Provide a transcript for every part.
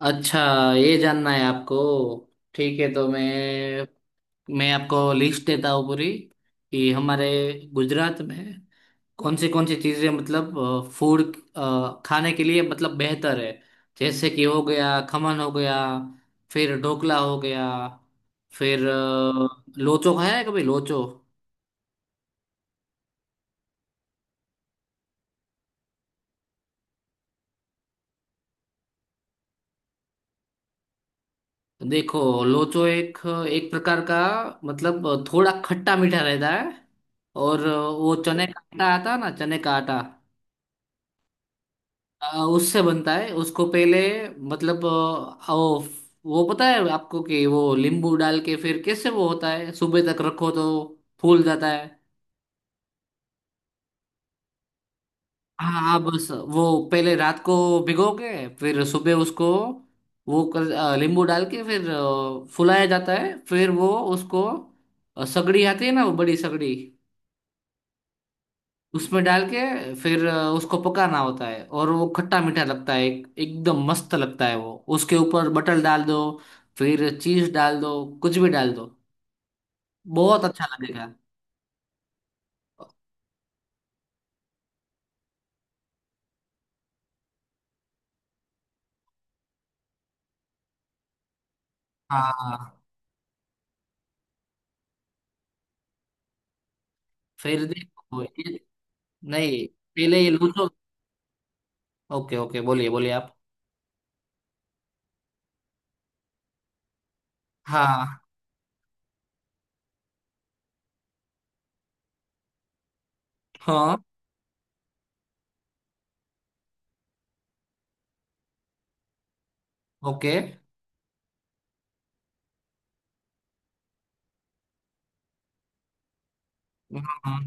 अच्छा, ये जानना है आपको। ठीक है, तो मैं आपको लिस्ट देता हूँ पूरी कि हमारे गुजरात में कौन सी चीज़ें मतलब फूड खाने के लिए मतलब बेहतर है। जैसे कि हो गया खमन, हो गया फिर ढोकला, हो गया फिर लोचो। खाया है कभी लोचो? देखो, लोचो एक एक प्रकार का, मतलब थोड़ा खट्टा मीठा रहता है। और वो चने का आटा आता है ना, चने का आटा। उससे बनता है, उसको पहले मतलब वो पता है आपको, कि वो नींबू डाल के फिर कैसे वो होता है, सुबह तक रखो तो फूल जाता है। हाँ, हाँ, बस। वो पहले रात को भिगो के फिर सुबह उसको वो कर नींबू डाल के फिर फुलाया जाता है। फिर वो उसको सगड़ी आती है ना, वो बड़ी सगड़ी उसमें डाल के फिर उसको पकाना होता है। और वो खट्टा मीठा लगता है, एकदम मस्त लगता है। वो उसके ऊपर बटर डाल दो, फिर चीज डाल दो, कुछ भी डाल दो, बहुत अच्छा लगेगा। हाँ, फिर देखो नहीं, पहले ये लूचो। ओके, ओके, बोलिए, बोलिए आप। हाँ, हाँ, ओके। हाँ,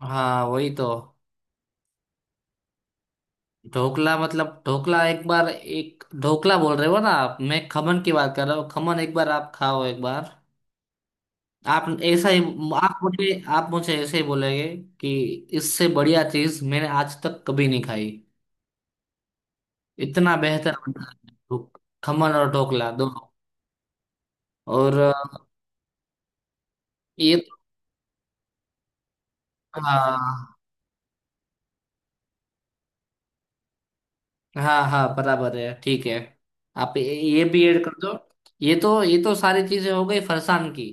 हाँ, वही तो। ढोकला, मतलब ढोकला एक बार, एक ढोकला बोल रहे हो ना आप, मैं खमन की बात कर रहा हूँ। खमन एक बार आप खाओ, एक बार। आप ऐसा ही आप मुझे आप मुझे ऐसे ही बोलेंगे कि इससे बढ़िया चीज मैंने आज तक कभी नहीं खाई। इतना बेहतर बनता है खमन और ढोकला दोनों। और ये तो। हाँ, हाँ, हाँ, बराबर है, ठीक है। आप ये भी ऐड कर दो। ये तो सारी चीजें हो गई फरसान की।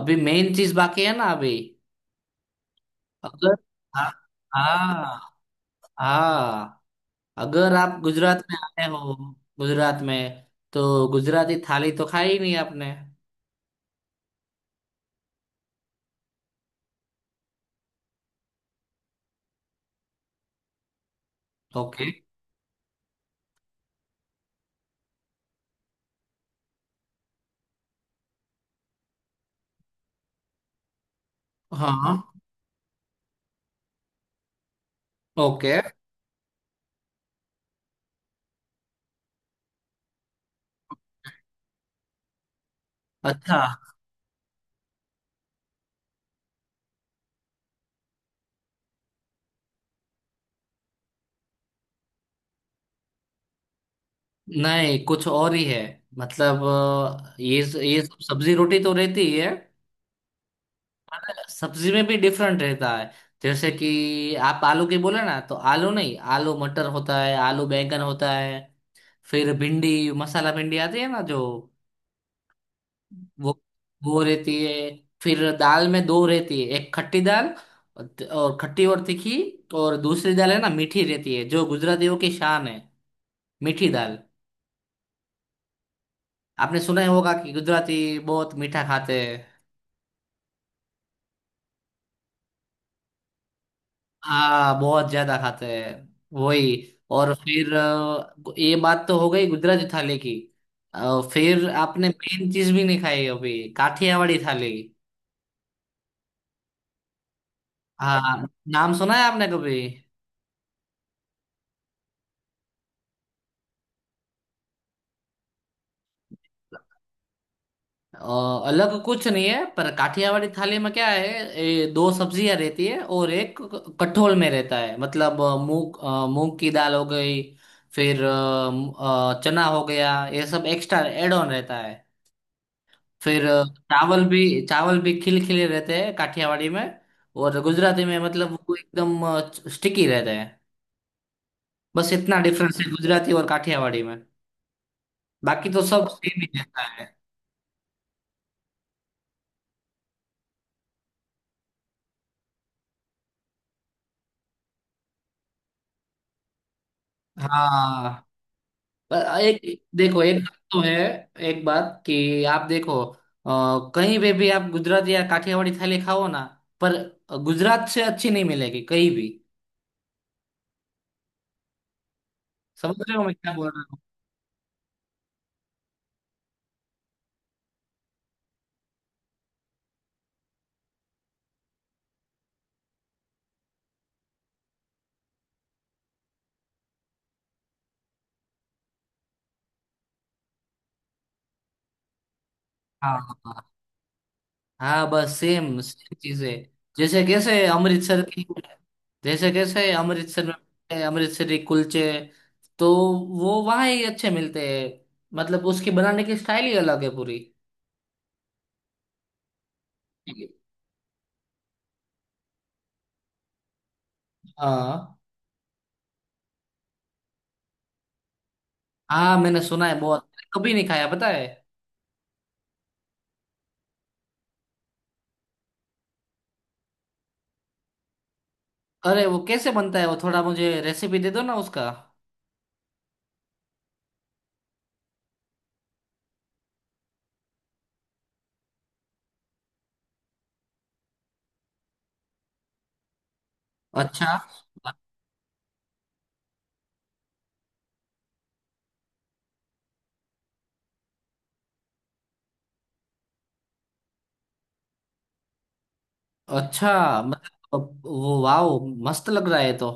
अभी मेन चीज बाकी है ना, अभी। अगर, हाँ, हाँ, हाँ, अगर आप गुजरात में आए हो, गुजरात में तो गुजराती थाली तो खाई ही नहीं आपने। ओके। हाँ, ओके। अच्छा, नहीं कुछ और ही है, मतलब अ, ये ये सब सब्जी रोटी तो रहती ही है। पर सब्जी में भी डिफरेंट रहता है। जैसे कि आप आलू की बोले ना, तो आलू नहीं, आलू मटर होता है, आलू बैंगन होता है। फिर भिंडी, मसाला भिंडी आती है ना जो, वो वो रहती है। फिर दाल में दो रहती है, एक खट्टी दाल, और खट्टी और तीखी, और दूसरी दाल है ना, मीठी रहती है, जो गुजरातियों की शान है, मीठी दाल। आपने सुना ही होगा कि गुजराती बहुत मीठा खाते हैं। हाँ, बहुत ज्यादा खाते हैं, वही। और फिर ये बात तो हो गई गुजराती थाली की। फिर आपने मेन चीज भी नहीं खाई अभी, काठियावाड़ी थाली। हाँ। नाम सुना है आपने कभी? अ, अलग कुछ नहीं है, पर काठियावाड़ी थाली में क्या है, दो सब्जियां रहती है और एक कठोल में रहता है, मतलब मूंग की दाल हो गई। फिर चना हो गया, ये सब एक्स्ट्रा एड ऑन रहता है। फिर चावल भी चावल भी खिलखिले रहते हैं काठियावाड़ी में। और गुजराती में मतलब वो एकदम स्टिकी रहते हैं। बस इतना डिफरेंस है गुजराती और काठियावाड़ी में। बाकी तो सब सेम ही रहता है। हाँ, पर एक, देखो, एक बात तो है, एक बात कि आप देखो कहीं पे भी आप गुजराती या काठियावाड़ी थाली खाओ ना, पर गुजरात से अच्छी नहीं मिलेगी कहीं भी। समझ रहे हो मैं क्या बोल रहा हूँ? हाँ, हाँ, हाँ, बस सेम सेम चीजें। जैसे कैसे अमृतसर की जैसे कैसे अमृतसर में अमृतसरी कुलचे, तो वो वहाँ ही अच्छे मिलते हैं, मतलब उसकी बनाने की स्टाइल ही अलग है पूरी। हाँ, हाँ, मैंने सुना है बहुत, कभी नहीं खाया पता है। अरे वो कैसे बनता है, वो थोड़ा मुझे रेसिपी दे दो ना उसका। अच्छा, अच्छा, मतलब वो, वाओ, मस्त लग रहा है तो।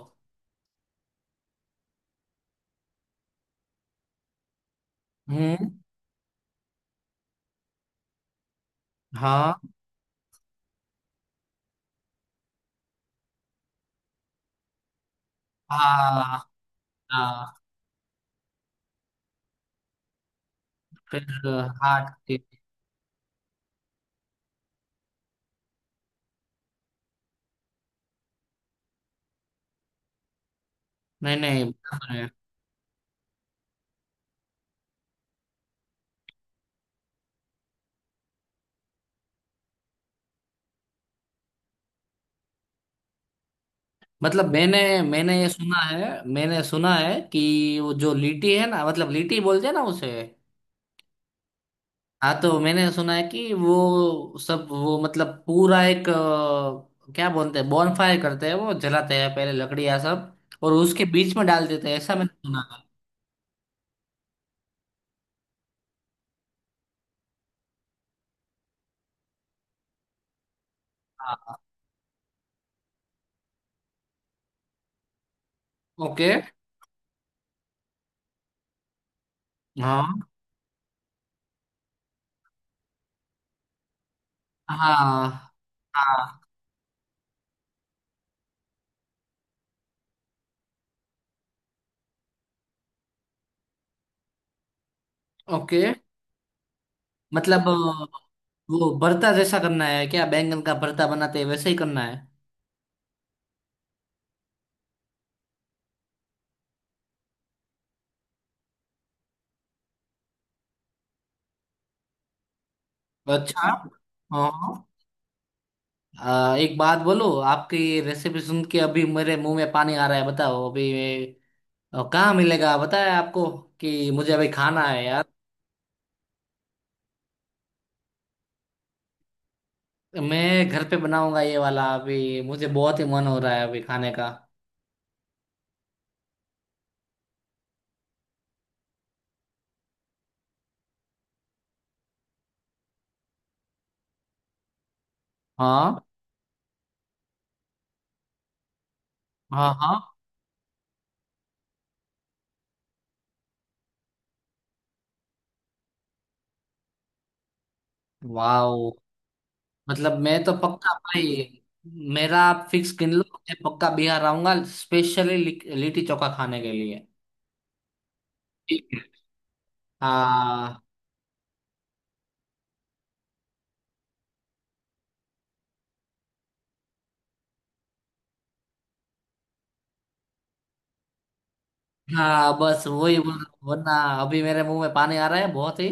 हम्म। हाँ, हाँ, हाँ। फिर हाँ। ठीक। नहीं, नहीं, बराबर है। मतलब मैंने मैंने ये सुना है, मैंने सुना है कि वो जो लीटी है ना, मतलब लीटी बोलते हैं ना उसे। हाँ, तो मैंने सुना है कि वो सब, वो मतलब पूरा एक क्या बोलते हैं, बॉनफायर करते हैं, वो जलाते हैं पहले लकड़ियाँ सब। और उसके बीच में डाल देते हैं, ऐसा मैंने सुना था। हाँ, ओके। हाँ, हाँ, हाँ, ओके। मतलब वो भरता जैसा करना है क्या, बैंगन का भरता बनाते हैं वैसे ही करना है? अच्छा, हाँ। एक बात बोलो, आपकी रेसिपी सुन के अभी मेरे मुंह में पानी आ रहा है, बताओ अभी। और कहाँ मिलेगा पता है आपको, कि मुझे अभी खाना है यार। मैं घर पे बनाऊंगा ये वाला, अभी मुझे बहुत ही मन हो रहा है अभी खाने का। हाँ, हाँ, हाँ। वाओ। मतलब मैं तो पक्का भाई, मेरा आप फिक्स गिन लो, मैं पक्का बिहार आऊंगा, स्पेशली लिट्टी चोखा खाने के लिए। ठीक है। हाँ, हाँ, बस वही बोल रहा हूँ, वरना अभी मेरे मुंह में पानी आ रहा है बहुत ही,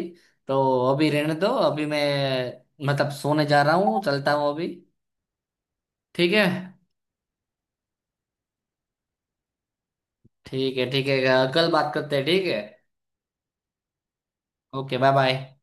तो अभी रहने दो। अभी मैं मतलब सोने जा रहा हूँ, चलता हूँ अभी। ठीक है, ठीक है। ठीक है, कल बात करते हैं, ठीक है। ओके। Bye, bye.